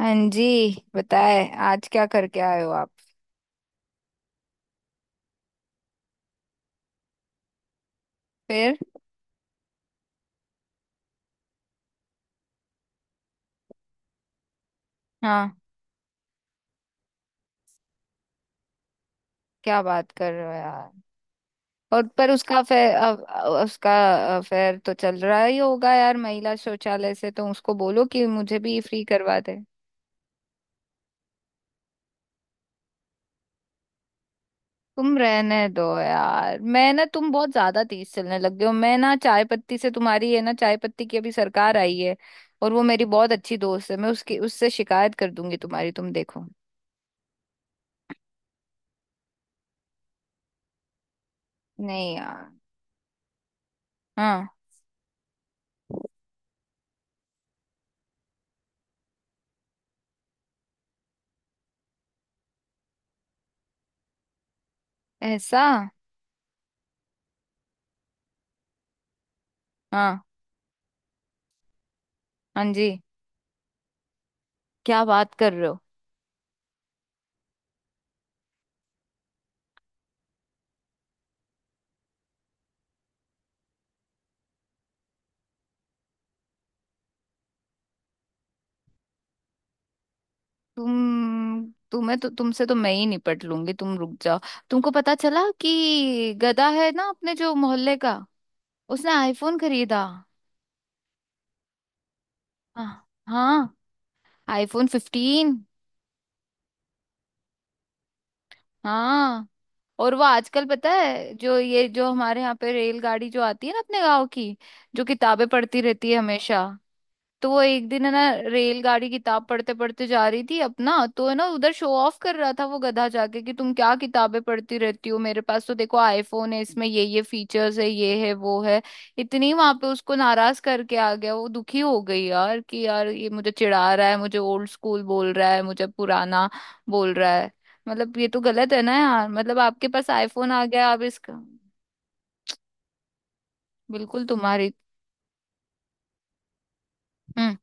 हाँ जी। बताए आज क्या करके आए हो आप? फिर? हाँ। क्या बात कर रहे हो यार? और पर उसका अफेयर तो चल रहा ही होगा यार, महिला शौचालय से। तो उसको बोलो कि मुझे भी फ्री करवा दे। तुम रहने दो यार, मैं ना, तुम बहुत ज्यादा तेज चलने लग गए हो। मैं ना चाय पत्ती से, तुम्हारी है ना, चाय पत्ती की अभी सरकार आई है। और वो मेरी बहुत अच्छी दोस्त है, मैं उसकी उससे शिकायत कर दूंगी तुम्हारी, तुम देखो। नहीं यार। हाँ। ऐसा। हाँ, हाँ जी। क्या बात कर रहे हो? तुमसे तो मैं ही निपट लूंगी, तुम रुक जाओ। तुमको पता चला कि गधा है ना अपने जो मोहल्ले का, उसने आईफोन खरीदा। हाँ, हाँ। IPhone fifteen. हाँ। और वो आजकल, पता है जो, ये जो हमारे यहाँ पे रेलगाड़ी जो आती है ना अपने गाँव की, जो किताबें पढ़ती रहती है हमेशा, तो वो एक दिन है ना, रेलगाड़ी किताब पढ़ते पढ़ते जा रही थी अपना, तो है ना उधर शो ऑफ कर रहा था वो गधा जाके, कि तुम क्या किताबें पढ़ती रहती हो, मेरे पास तो देखो आईफोन है, इसमें ये फीचर्स है, ये है वो है। इतनी वहां पे उसको नाराज करके आ गया, वो दुखी हो गई यार, कि यार ये मुझे चिढ़ा रहा है, मुझे ओल्ड स्कूल बोल रहा है, मुझे पुराना बोल रहा है। मतलब ये तो गलत है ना यार, मतलब आपके पास आईफोन आ गया आप इसका। बिल्कुल तुम्हारी। हम्म।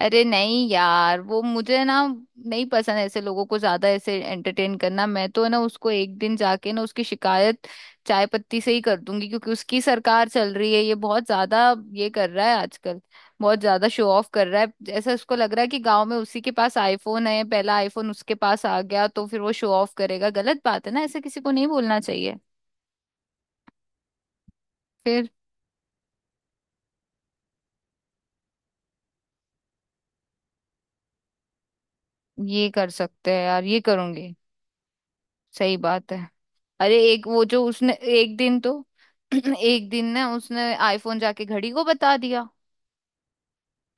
अरे नहीं यार, वो मुझे ना नहीं पसंद ऐसे लोगों को ज्यादा ऐसे एंटरटेन करना। मैं तो ना उसको एक दिन जाके ना उसकी शिकायत चाय पत्ती से ही कर दूंगी, क्योंकि उसकी सरकार चल रही है। ये बहुत ज्यादा ये कर रहा है आजकल, बहुत ज्यादा शो ऑफ कर रहा है। ऐसा उसको लग रहा है कि गांव में उसी के पास आईफोन है, पहला आईफोन उसके पास आ गया तो फिर वो शो ऑफ करेगा। गलत बात है ना, ऐसे किसी को नहीं बोलना चाहिए। फिर? ये कर सकते हैं यार, ये करूंगी। सही बात है। अरे एक वो जो उसने एक दिन तो एक दिन ना उसने आईफोन जाके घड़ी को बता दिया।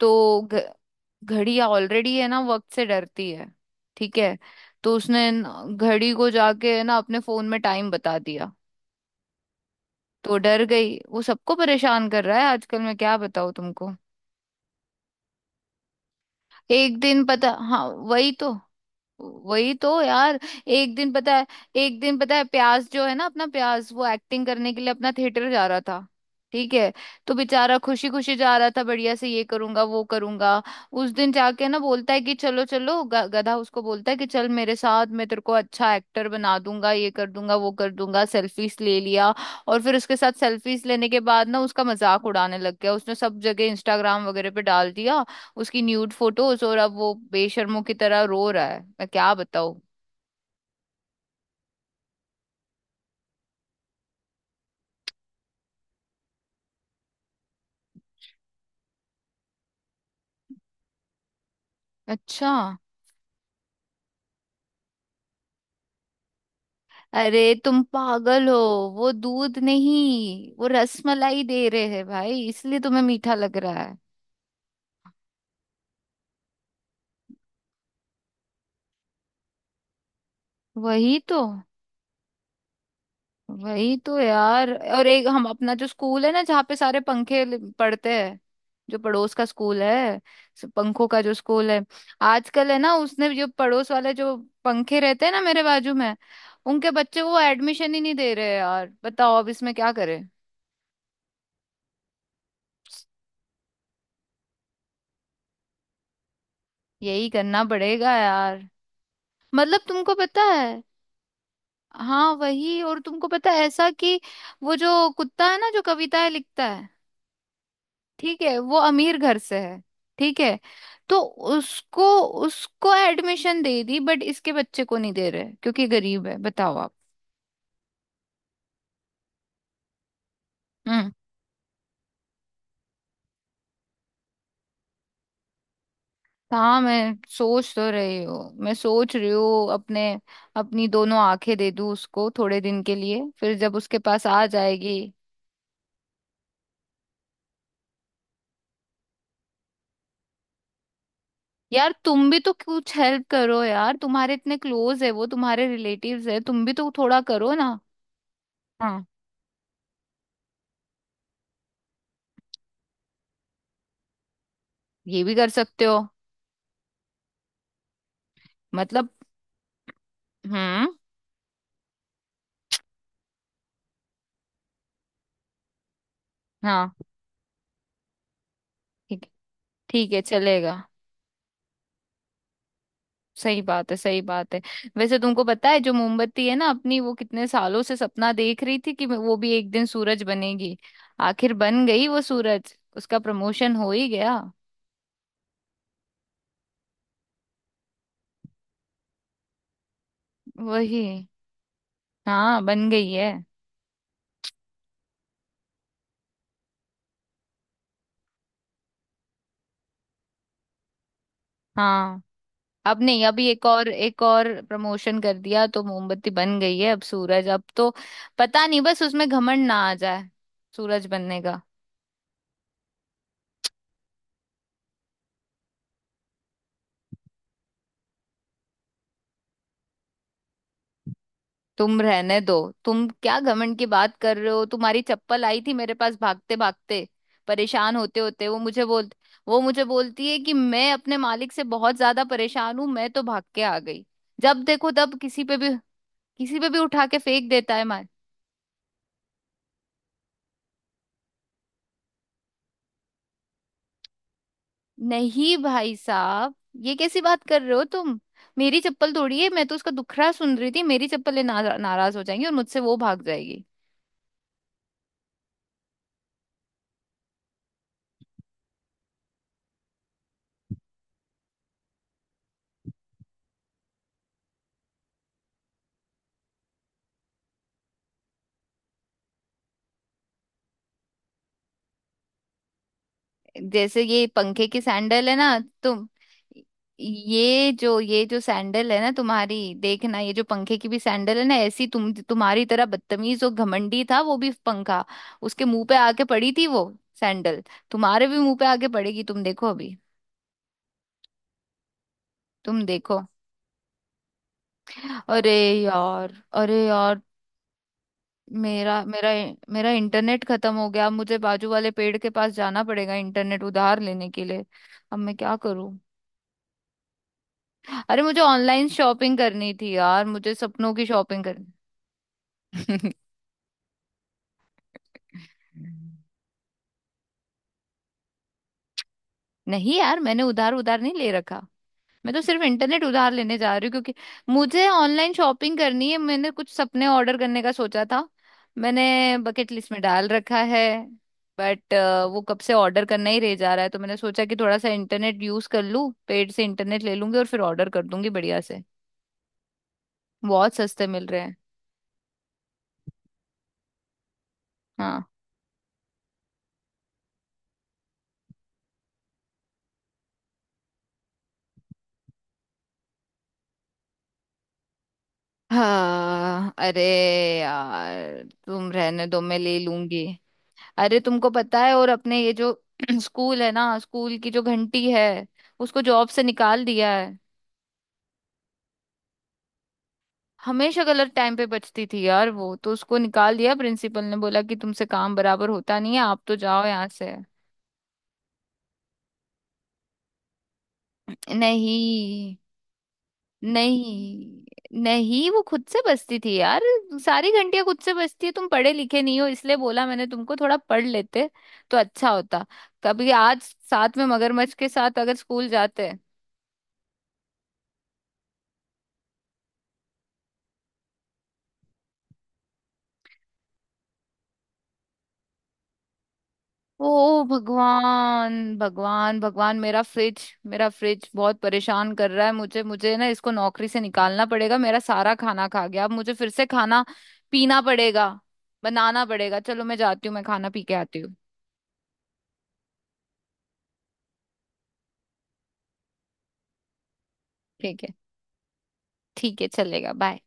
तो घ, घड़ी ऑलरेडी है ना वक्त से डरती है, ठीक है? तो उसने घड़ी को जाके, है ना, अपने फोन में टाइम बता दिया तो डर गई वो। सबको परेशान कर रहा है आजकल, मैं क्या बताऊँ तुमको। एक दिन पता, हाँ वही तो, वही तो यार। एक दिन पता है एक दिन पता है, प्यास जो है ना अपना, प्यास वो एक्टिंग करने के लिए अपना थिएटर जा रहा था, ठीक है? तो बेचारा खुशी खुशी जा रहा था, बढ़िया से ये करूंगा वो करूंगा। उस दिन जाके ना बोलता है कि चलो चलो, गधा उसको बोलता है कि चल मेरे साथ, मैं तेरे को अच्छा एक्टर बना दूंगा, ये कर दूंगा वो कर दूंगा, सेल्फीज ले लिया। और फिर उसके साथ सेल्फीज लेने के बाद ना उसका मजाक उड़ाने लग गया। उसने सब जगह इंस्टाग्राम वगैरह पे डाल दिया उसकी न्यूड फोटोज। और अब वो बेशर्मों की तरह रो रहा है, मैं क्या बताऊं। अच्छा। अरे तुम पागल हो, वो दूध नहीं वो रसमलाई दे रहे हैं भाई, इसलिए तुम्हें मीठा लग रहा है। वही तो। वही तो यार। और एक हम अपना जो स्कूल है ना जहाँ पे सारे पंखे पड़ते हैं, जो पड़ोस का स्कूल है, पंखों का जो स्कूल है, आजकल है ना उसने, जो पड़ोस वाले जो पंखे रहते हैं ना मेरे बाजू में, उनके बच्चे को एडमिशन ही नहीं दे रहे यार, बताओ अब इसमें क्या करें। यही करना पड़ेगा यार, मतलब तुमको पता है। हाँ वही। और तुमको पता है ऐसा कि वो जो कुत्ता है ना जो कविताएं लिखता है, ठीक है, वो अमीर घर से है, ठीक है। तो उसको उसको एडमिशन दे दी, बट इसके बच्चे को नहीं दे रहे क्योंकि गरीब है, बताओ आप। हम्म। हाँ मैं सोच तो रही हूँ, मैं सोच रही हूँ अपने, अपनी दोनों आंखें दे दूँ उसको थोड़े दिन के लिए, फिर जब उसके पास आ जाएगी। यार तुम भी तो कुछ हेल्प करो यार, तुम्हारे इतने क्लोज है वो, तुम्हारे रिलेटिव्स है, तुम भी तो थोड़ा करो ना। हाँ ये भी कर सकते हो, मतलब। हम्म। हाँ, ठीक, ठीक है, चलेगा। सही बात है, सही बात है। वैसे तुमको पता है जो मोमबत्ती है ना अपनी, वो कितने सालों से सपना देख रही थी कि वो भी एक दिन सूरज बनेगी। आखिर बन गई वो सूरज, उसका प्रमोशन हो ही गया। वही। हाँ बन गई है। हाँ। अब नहीं, अभी एक और, एक और प्रमोशन कर दिया तो मोमबत्ती बन गई है अब सूरज, अब तो पता नहीं बस उसमें घमंड ना आ जाए सूरज बनने का। तुम रहने दो, तुम क्या घमंड की बात कर रहे हो? तुम्हारी चप्पल आई थी मेरे पास भागते भागते, परेशान होते होते, वो मुझे बोल, वो मुझे बोलती है कि मैं अपने मालिक से बहुत ज्यादा परेशान हूं, मैं तो भाग के आ गई। जब देखो तब किसी पे भी, किसी पे भी उठा के फेंक देता है मार। नहीं भाई साहब, ये कैसी बात कर रहे हो तुम? मेरी चप्पल तोड़ी है, मैं तो उसका दुखड़ा सुन रही थी, मेरी चप्पलें नाराज हो जाएंगी और मुझसे वो भाग जाएगी। जैसे ये पंखे की सैंडल है ना तुम, ये जो सैंडल है ना तुम्हारी, देखना, ये जो पंखे की भी सैंडल है ना, ऐसी, तुम तुम्हारी तरह बदतमीज और घमंडी था वो भी पंखा, उसके मुंह पे आके पड़ी थी वो सैंडल, तुम्हारे भी मुंह पे आके पड़ेगी, तुम देखो अभी, तुम देखो। अरे यार, अरे यार, मेरा मेरा मेरा इंटरनेट खत्म हो गया, मुझे बाजू वाले पेड़ के पास जाना पड़ेगा इंटरनेट उधार लेने के लिए। अब मैं क्या करूं? अरे मुझे ऑनलाइन शॉपिंग करनी थी यार, मुझे सपनों की शॉपिंग करनी। नहीं यार, मैंने उधार उधार नहीं ले रखा। मैं तो सिर्फ इंटरनेट उधार लेने जा रही हूँ क्योंकि मुझे ऑनलाइन शॉपिंग करनी है, मैंने कुछ सपने ऑर्डर करने का सोचा था। मैंने बकेट लिस्ट में डाल रखा है, बट वो कब से ऑर्डर करना ही रह जा रहा है, तो मैंने सोचा कि थोड़ा सा इंटरनेट यूज कर लूँ, पेड से इंटरनेट ले लूंगी और फिर ऑर्डर कर दूंगी बढ़िया से। बहुत सस्ते मिल रहे हैं। हाँ। हाँ अरे यार, तुम रहने दो मैं ले लूंगी। अरे तुमको पता है और अपने ये जो स्कूल है ना, स्कूल की जो घंटी है, उसको जॉब से निकाल दिया है। हमेशा गलत टाइम पे बजती थी यार वो, तो उसको निकाल दिया प्रिंसिपल ने, बोला कि तुमसे काम बराबर होता नहीं है, आप तो जाओ यहाँ से। नहीं, नहीं, नहीं, वो खुद से बसती थी यार। सारी घंटियां खुद से बसती है, तुम पढ़े लिखे नहीं हो इसलिए बोला मैंने, तुमको थोड़ा पढ़ लेते तो अच्छा होता, कभी आज साथ में मगरमच्छ के साथ अगर स्कूल जाते तो। ओ भगवान, भगवान, भगवान, मेरा फ्रिज, मेरा फ्रिज बहुत परेशान कर रहा है मुझे, मुझे ना इसको नौकरी से निकालना पड़ेगा, मेरा सारा खाना खा गया, अब मुझे फिर से खाना पीना पड़ेगा, बनाना पड़ेगा। चलो मैं जाती हूँ, मैं खाना पी के आती हूँ। ठीक है। ठीक है, चलेगा। बाय।